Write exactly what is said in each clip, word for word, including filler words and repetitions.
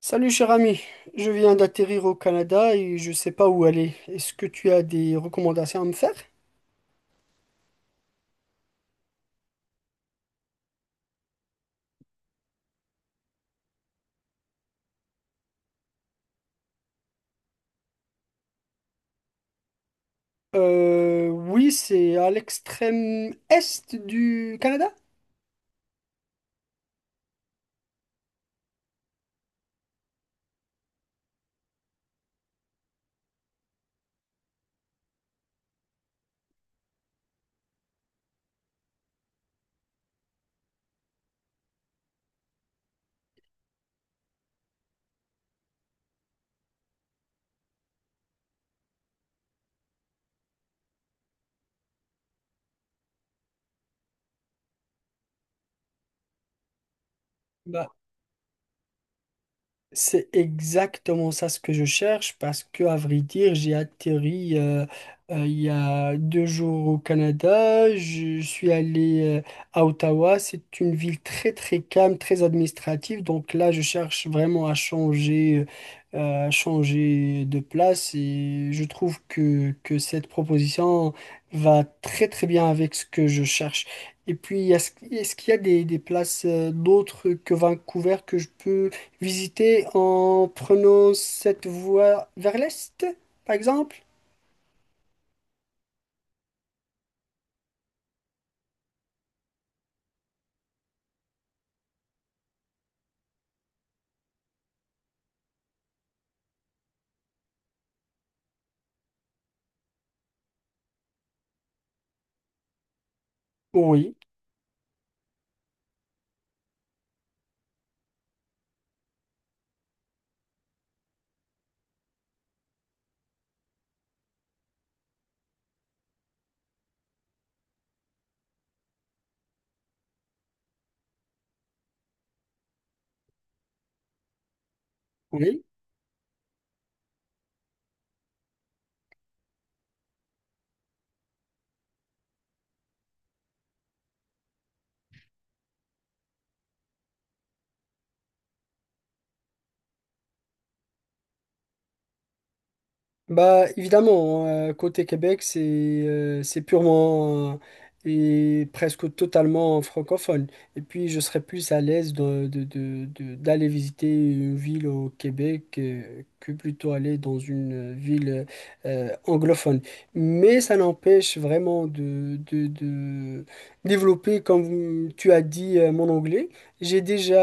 Salut cher ami, je viens d'atterrir au Canada et je sais pas où aller. Est-ce que tu as des recommandations à me faire? Euh, oui, c'est à l'extrême est du Canada. Bah, c'est exactement ça ce que je cherche parce que, à vrai dire, j'ai atterri euh, euh, il y a deux jours au Canada. Je suis allé euh, à Ottawa. C'est une ville très très calme, très administrative. Donc là, je cherche vraiment à changer, euh, à changer de place et je trouve que, que cette proposition va très très bien avec ce que je cherche. Et puis, est-ce, est-ce qu'il y a des, des places euh, d'autres que Vancouver que je peux visiter en prenant cette voie vers l'est, par exemple? Oui, oui. Bah évidemment, hein, euh, côté Québec, c'est euh, c'est purement euh, et presque totalement francophone. Et puis je serais plus à l'aise de, de- de- de- d'aller visiter une ville au Québec euh, que plutôt aller dans une ville euh, anglophone. Mais ça n'empêche vraiment de, de- de développer, comme tu as dit, euh, mon anglais. J'ai déjà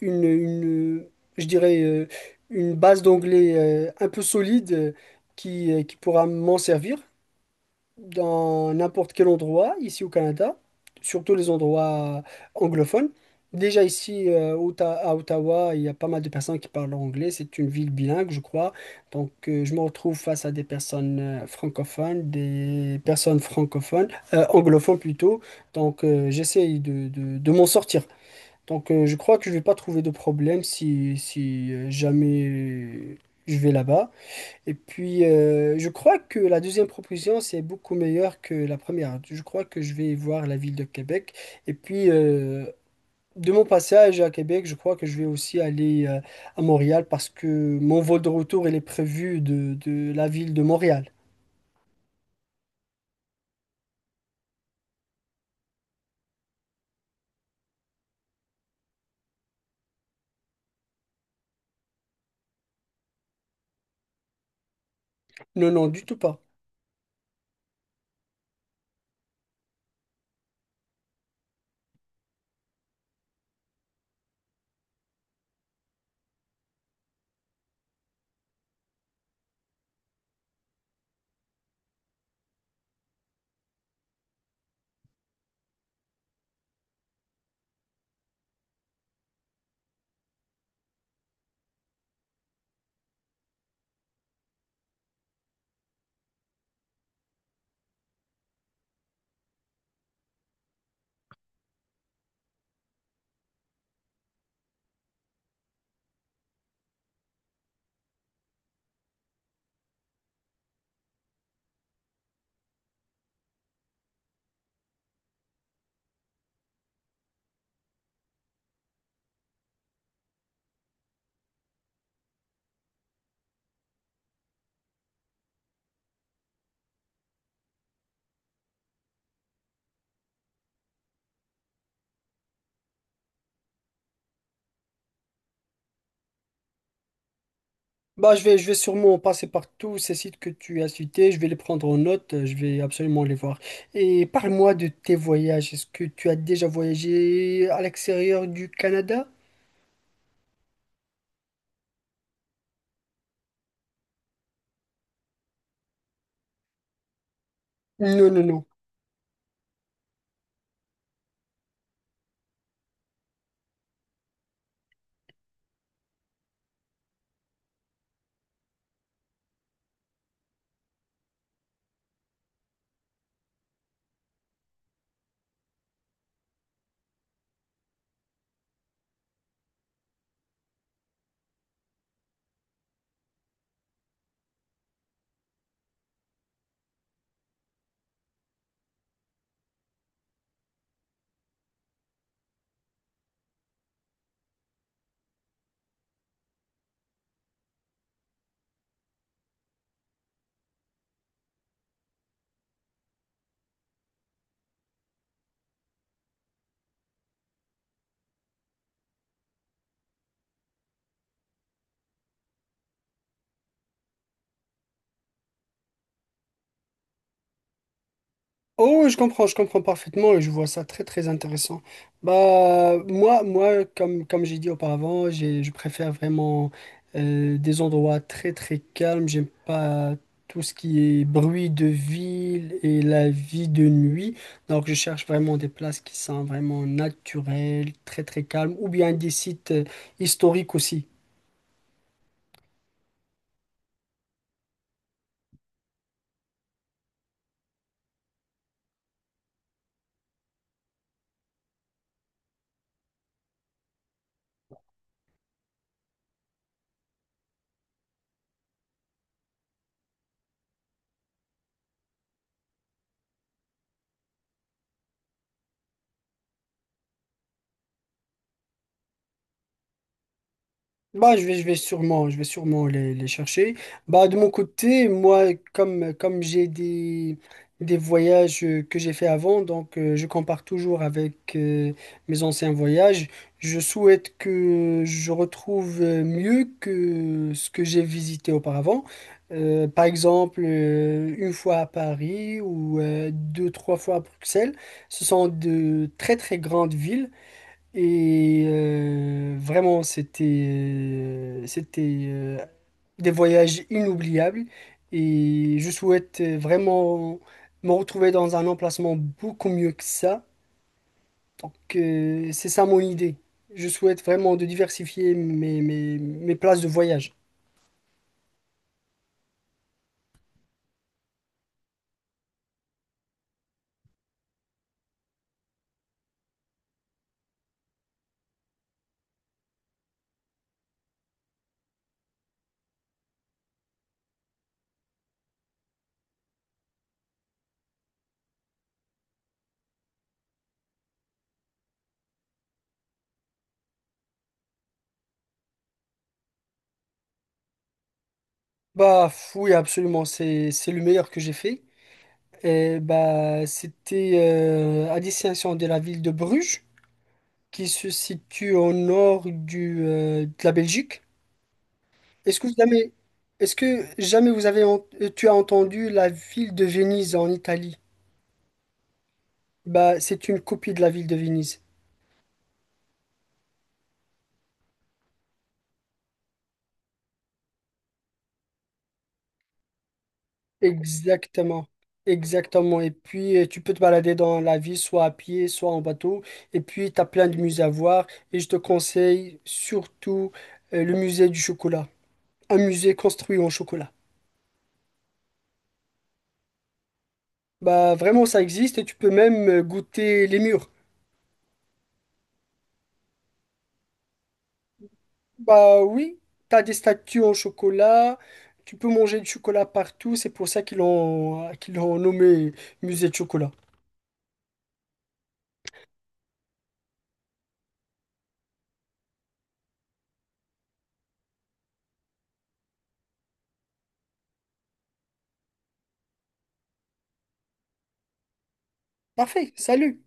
une, une, je dirais, euh, une base d'anglais euh, un peu solide euh, qui, euh, qui pourra m'en servir dans n'importe quel endroit ici au Canada, surtout les endroits anglophones. Déjà ici euh, Ota- à Ottawa, il y a pas mal de personnes qui parlent anglais. C'est une ville bilingue, je crois. Donc euh, je me retrouve face à des personnes euh, francophones, des personnes francophones, euh, anglophones plutôt. Donc euh, j'essaye de, de de m'en sortir. Donc, euh, je crois que je vais pas trouver de problème si, si euh, jamais je vais là-bas. Et puis, euh, je crois que la deuxième proposition, c'est beaucoup meilleur que la première. Je crois que je vais voir la ville de Québec. Et puis, euh, de mon passage à Québec, je crois que je vais aussi aller euh, à Montréal parce que mon vol de retour, il est prévu de, de la ville de Montréal. Non, non, du tout pas. Bah, je vais, je vais sûrement passer par tous ces sites que tu as cités, je vais les prendre en note, euh, je vais absolument les voir. Et parle-moi de tes voyages. Est-ce que tu as déjà voyagé à l'extérieur du Canada? Non, non, non. Oh, ouais, je comprends, je comprends parfaitement et je vois ça très très intéressant. Bah moi, moi comme comme j'ai dit auparavant, j'ai, je préfère vraiment euh, des endroits très très calmes. J'aime pas tout ce qui est bruit de ville et la vie de nuit. Donc je cherche vraiment des places qui sont vraiment naturelles, très très calmes, ou bien des sites euh, historiques aussi. Bah, je vais, je vais sûrement, je vais sûrement les, les chercher. Bah, de mon côté, moi, comme, comme j'ai des, des voyages euh, que j'ai fait avant, donc euh, je compare toujours avec euh, mes anciens voyages. Je souhaite que je retrouve euh, mieux que ce que j'ai visité auparavant. Euh, par exemple, euh, une fois à Paris ou euh, deux, trois fois à Bruxelles. Ce sont de très, très grandes villes. Et euh, vraiment, c'était euh, c'était euh, des voyages inoubliables. Et je souhaite euh, vraiment me retrouver dans un emplacement beaucoup mieux que ça. Donc, euh, c'est ça mon idée. Je souhaite vraiment de diversifier mes, mes, mes places de voyage. Bah, oui, absolument. C'est, c'est le meilleur que j'ai fait. Et bah, c'était euh, à destination de la ville de Bruges, qui se situe au nord du, euh, de la Belgique. Est-ce que jamais, est-ce que jamais vous avez, en- euh, tu as entendu la ville de Venise en Italie? Bah, c'est une copie de la ville de Venise. Exactement. Exactement. Et puis, euh, tu peux te balader dans la ville, soit à pied, soit en bateau. Et puis, tu as plein de musées à voir. Et je te conseille surtout, euh, le musée du chocolat. Un musée construit en chocolat. Bah, vraiment, ça existe et tu peux même euh, goûter les murs. Bah oui, t'as des statues en chocolat, tu peux manger du chocolat partout, c'est pour ça qu'ils l'ont euh, qu'ils l'ont nommé musée de chocolat. Parfait, salut!